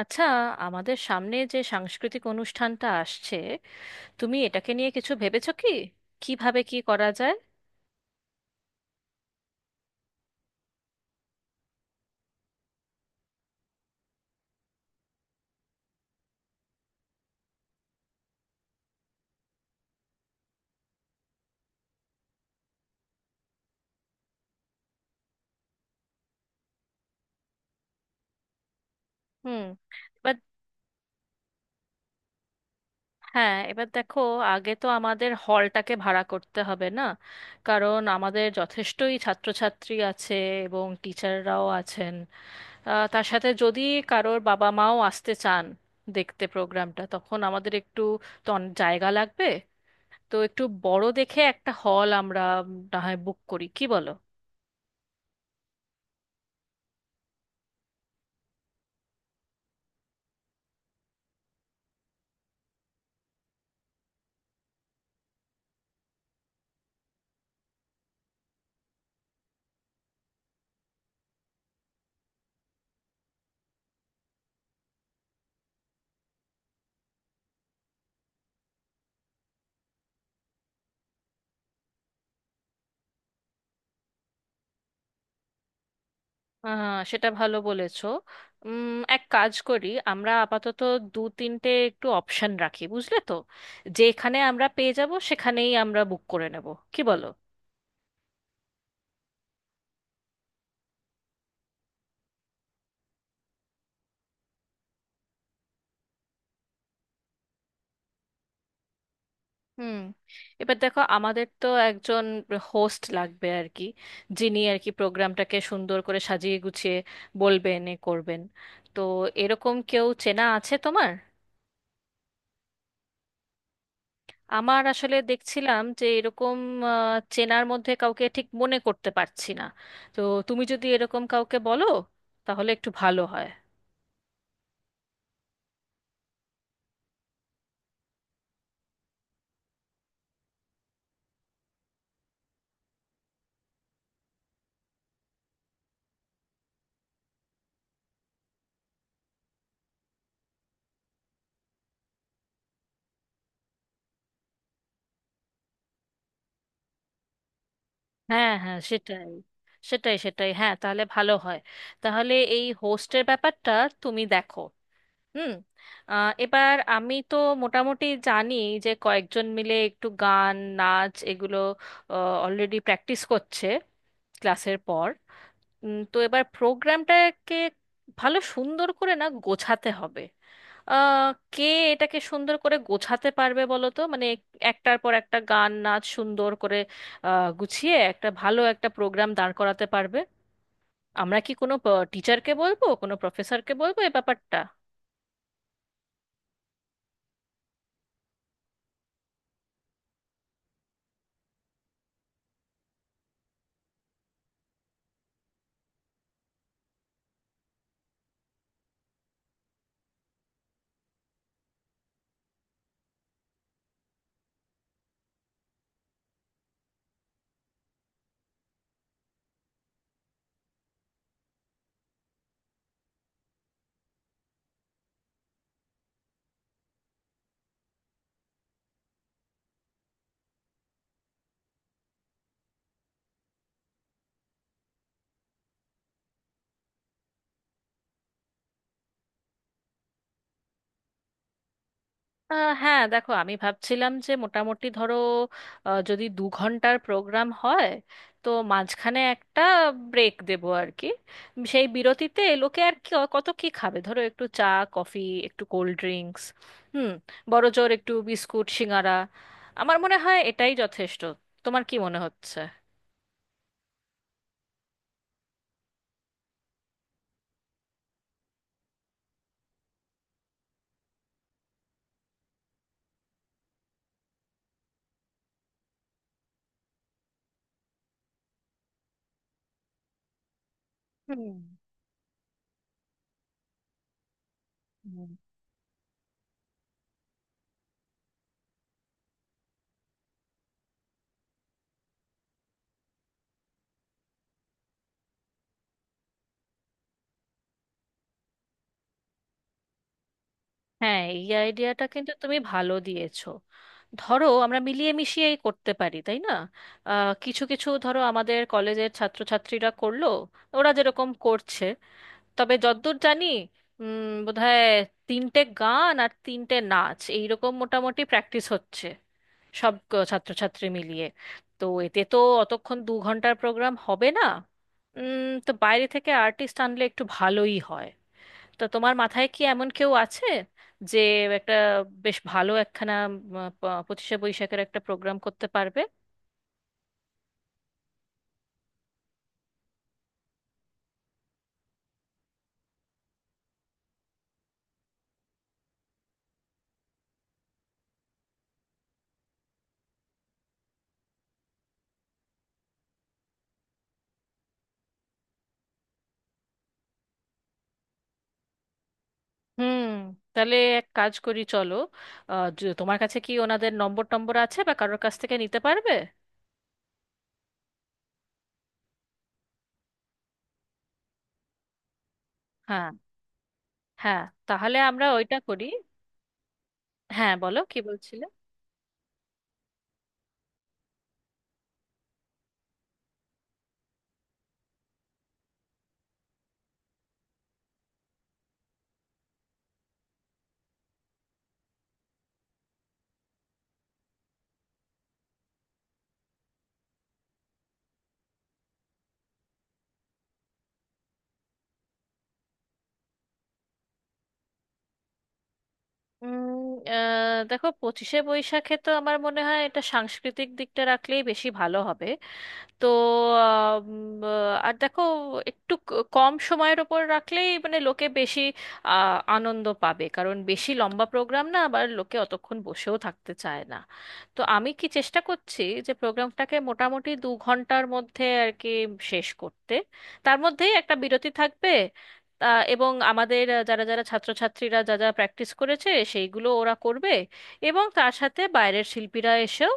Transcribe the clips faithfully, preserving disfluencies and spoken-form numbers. আচ্ছা, আমাদের সামনে যে সাংস্কৃতিক অনুষ্ঠানটা আসছে, তুমি এটাকে নিয়ে কিছু ভেবেছো কি? কিভাবে কি করা যায়? হুম। এবার, হ্যাঁ এবার দেখো, আগে তো আমাদের হলটাকে ভাড়া করতে হবে না? কারণ আমাদের যথেষ্টই ছাত্রছাত্রী আছে এবং টিচাররাও আছেন। আহ, তার সাথে যদি কারোর বাবা মাও আসতে চান দেখতে প্রোগ্রামটা, তখন আমাদের একটু, তো অনেক জায়গা লাগবে। তো একটু বড় দেখে একটা হল আমরা, উম, না হয় বুক করি, কি বলো? আহ, সেটা ভালো বলেছো। উম এক কাজ করি, আমরা আপাতত দু তিনটে একটু অপশন রাখি, বুঝলে তো? যেখানে আমরা পেয়ে যাব সেখানেই আমরা বুক করে নেব, কি বলো? হুম। এবার দেখো, আমাদের তো একজন হোস্ট লাগবে আর কি, যিনি আর কি প্রোগ্রামটাকে সুন্দর করে সাজিয়ে গুছিয়ে বলবেন এ করবেন। তো এরকম কেউ চেনা আছে তোমার? আমার আসলে দেখছিলাম যে এরকম আহ, চেনার মধ্যে কাউকে ঠিক মনে করতে পারছি না। তো তুমি যদি এরকম কাউকে বলো তাহলে একটু ভালো হয়। হ্যাঁ, হ্যাঁ, সেটাই, সেটাই, সেটাই, হ্যাঁ তাহলে ভালো হয়। তাহলে এই হোস্টের ব্যাপারটা তুমি দেখো। হুম। আহ, এবার আমি তো মোটামুটি জানি যে কয়েকজন মিলে একটু গান নাচ এগুলো অলরেডি প্র্যাকটিস করছে ক্লাসের পর। উম, তো এবার প্রোগ্রামটাকে ভালো সুন্দর করে না গোছাতে হবে। আহ, কে এটাকে সুন্দর করে গোছাতে পারবে বলো তো? মানে একটার পর একটা গান নাচ সুন্দর করে আহ, গুছিয়ে একটা ভালো একটা প্রোগ্রাম দাঁড় করাতে পারবে। আমরা কি কোনো টিচারকে বলবো, কোনো প্রফেসরকে বলবো এ ব্যাপারটা? আহ হ্যাঁ, দেখো আমি ভাবছিলাম যে মোটামুটি ধরো, আহ, যদি দু ঘন্টার প্রোগ্রাম হয়, তো মাঝখানে একটা ব্রেক দেব আর কি। সেই বিরতিতে লোকে আর কি কত কি খাবে, ধরো একটু চা, কফি, একটু কোল্ড ড্রিঙ্কস, হুম বড়জোর একটু বিস্কুট সিঙারা। আমার মনে হয় এটাই যথেষ্ট, তোমার কি মনে হচ্ছে? হুম। হ্যাঁ, এই আইডিয়াটা কিন্তু তুমি ভালো দিয়েছো। ধরো আমরা মিলিয়ে মিশিয়েই করতে পারি, তাই না? আহ, কিছু কিছু ধরো আমাদের কলেজের ছাত্রছাত্রীরা করলো, ওরা যেরকম করছে। তবে যদ্দূর জানি, উম, বোধহয় তিনটে গান আর তিনটে নাচ এইরকম মোটামুটি প্র্যাকটিস হচ্ছে সব ক- ছাত্রছাত্রী মিলিয়ে। তো এতে তো অতক্ষণ দু ঘন্টার প্রোগ্রাম হবে না। উম, তো বাইরে থেকে আর্টিস্ট আনলে একটু ভালোই হয়। তা তোমার মাথায় কি এমন কেউ আছে যে একটা বেশ ভালো একখানা উম, প- পঁচিশে বৈশাখের একটা প্রোগ্রাম করতে পারবে? হুম। তাহলে এক কাজ করি চলো, আহ, য- তোমার কাছে কি ওনাদের নম্বর টম্বর আছে বা কারোর কাছ থেকে নিতে পারবে? হ্যাঁ, হ্যাঁ, তাহলে আমরা ওইটা করি। হ্যাঁ, বলো কি বলছিলে? উম, আহ, দেখো পঁচিশে বৈশাখে তো আমার মনে হয় এটা সাংস্কৃতিক দিকটা রাখলেই বেশি ভালো হবে। তো আম, আহ, আর দেখো, একটু ক- কম সময়ের ওপর রাখলেই মানে লোকে বেশি আহ, আনন্দ পাবে, কারণ বেশি লম্বা প্রোগ্রাম না, আবার লোকে অতক্ষণ বসেও থাকতে চায় না। তো আমি কি চেষ্টা করছি যে প্রোগ্রামটাকে মোটামুটি দু ঘন্টার মধ্যে আর কি শেষ করতে, তার মধ্যেই একটা বিরতি থাকবে। আহ, এবং আমাদের আহ, যারা যারা ছাত্রছাত্রীরা যা যা প্র্যাকটিস করেছে সেইগুলো ওরা করবে, এবং তার সাথে বাইরের শিল্পীরা এসেও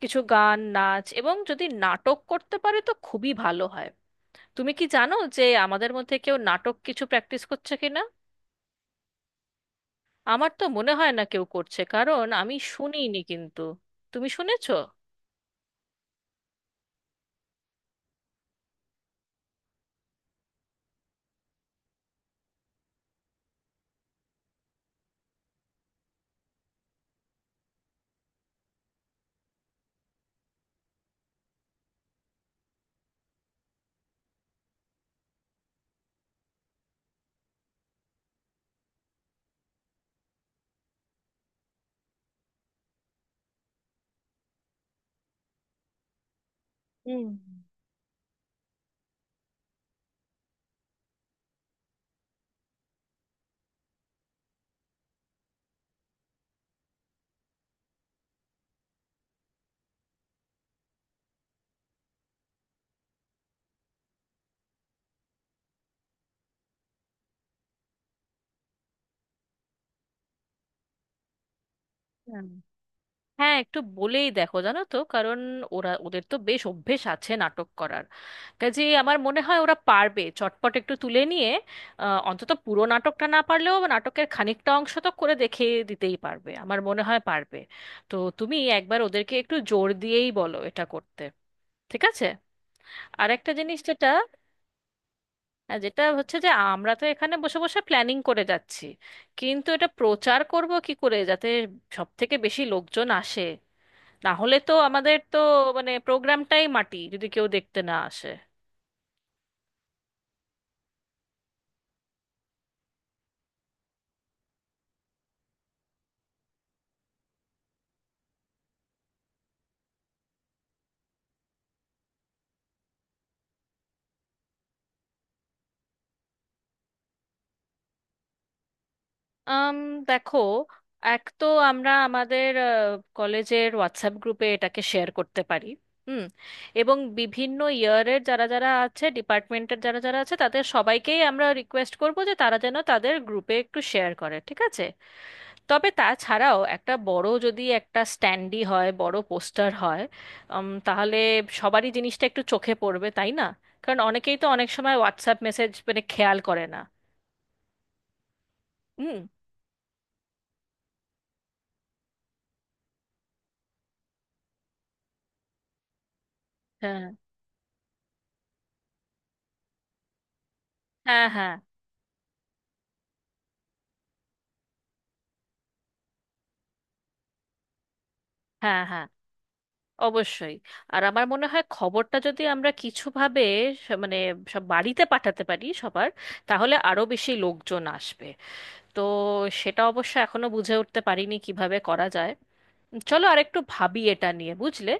কিছু গান নাচ এবং যদি নাটক করতে পারে তো খুবই ভালো হয়। তুমি কি জানো যে আমাদের মধ্যে কেউ নাটক কিছু প্র্যাকটিস করছে কিনা? আমার তো মনে হয় না কেউ করছে, কারণ আমি শুনিনি, কিন্তু তুমি শুনেছো? হুম। হুম। হ্যাঁ, একটু বলেই দেখো, জানো তো, কারণ ওরা, ওদের তো বেশ অভ্যেস আছে নাটক করার কাজে। আমার মনে হয় ওরা পারবে চটপট একটু তুলে নিয়ে, আহ, অন্তত পুরো নাটকটা না পারলেও নাটকের খানিকটা অংশ তো করে দেখে দিতেই পারবে, আমার মনে হয় পারবে। তো তুমি একবার ওদেরকে একটু জোর দিয়েই বলো এটা করতে, ঠিক আছে? আর একটা জিনিস যেটা, হ্যাঁ, যেটা হচ্ছে যে আমরা তো এখানে বসে বসে প্ল্যানিং করে যাচ্ছি, কিন্তু এটা প্রচার করব কি করে যাতে সব থেকে বেশি লোকজন আসে? না হলে তো আমাদের তো মানে প্রোগ্রামটাই মাটি যদি কেউ দেখতে না আসে। আম দেখো, এক তো আমরা আমাদের কলেজের হোয়াটসঅ্যাপ গ্রুপে এটাকে শেয়ার করতে পারি। হুম এবং বিভিন্ন ইয়ারের যারা যারা আছে, ডিপার্টমেন্টের যারা যারা আছে, তাদের সবাইকেই আমরা রিকোয়েস্ট করব যে তারা যেন তাদের গ্রুপে একটু শেয়ার করে, ঠিক আছে? তবে তাছাড়াও একটা বড়, যদি একটা স্ট্যান্ডি হয় বড় পোস্টার হয়, উম, তাহলে সবারই জিনিসটা একটু চোখে পড়বে, তাই না? কারণ অনেকেই তো অনেক সময় হোয়াটসঅ্যাপ মেসেজ মানে খেয়াল করে না। হুম। হ্যাঁ, হ্যাঁ, হ্যাঁ, হ্যাঁ, হ্যাঁ, অবশ্যই। আর আমার মনে হয় খবরটা যদি আমরা কিছুভাবে স- মানে সব বাড়িতে পাঠাতে পারি সবার, তাহলে আরো বেশি লোকজন আসবে। তো সেটা অবশ্য এখনো বুঝে উঠতে পারিনি কিভাবে করা যায়, চলো আরেকটু ভাবি এটা নিয়ে, বুঝলে?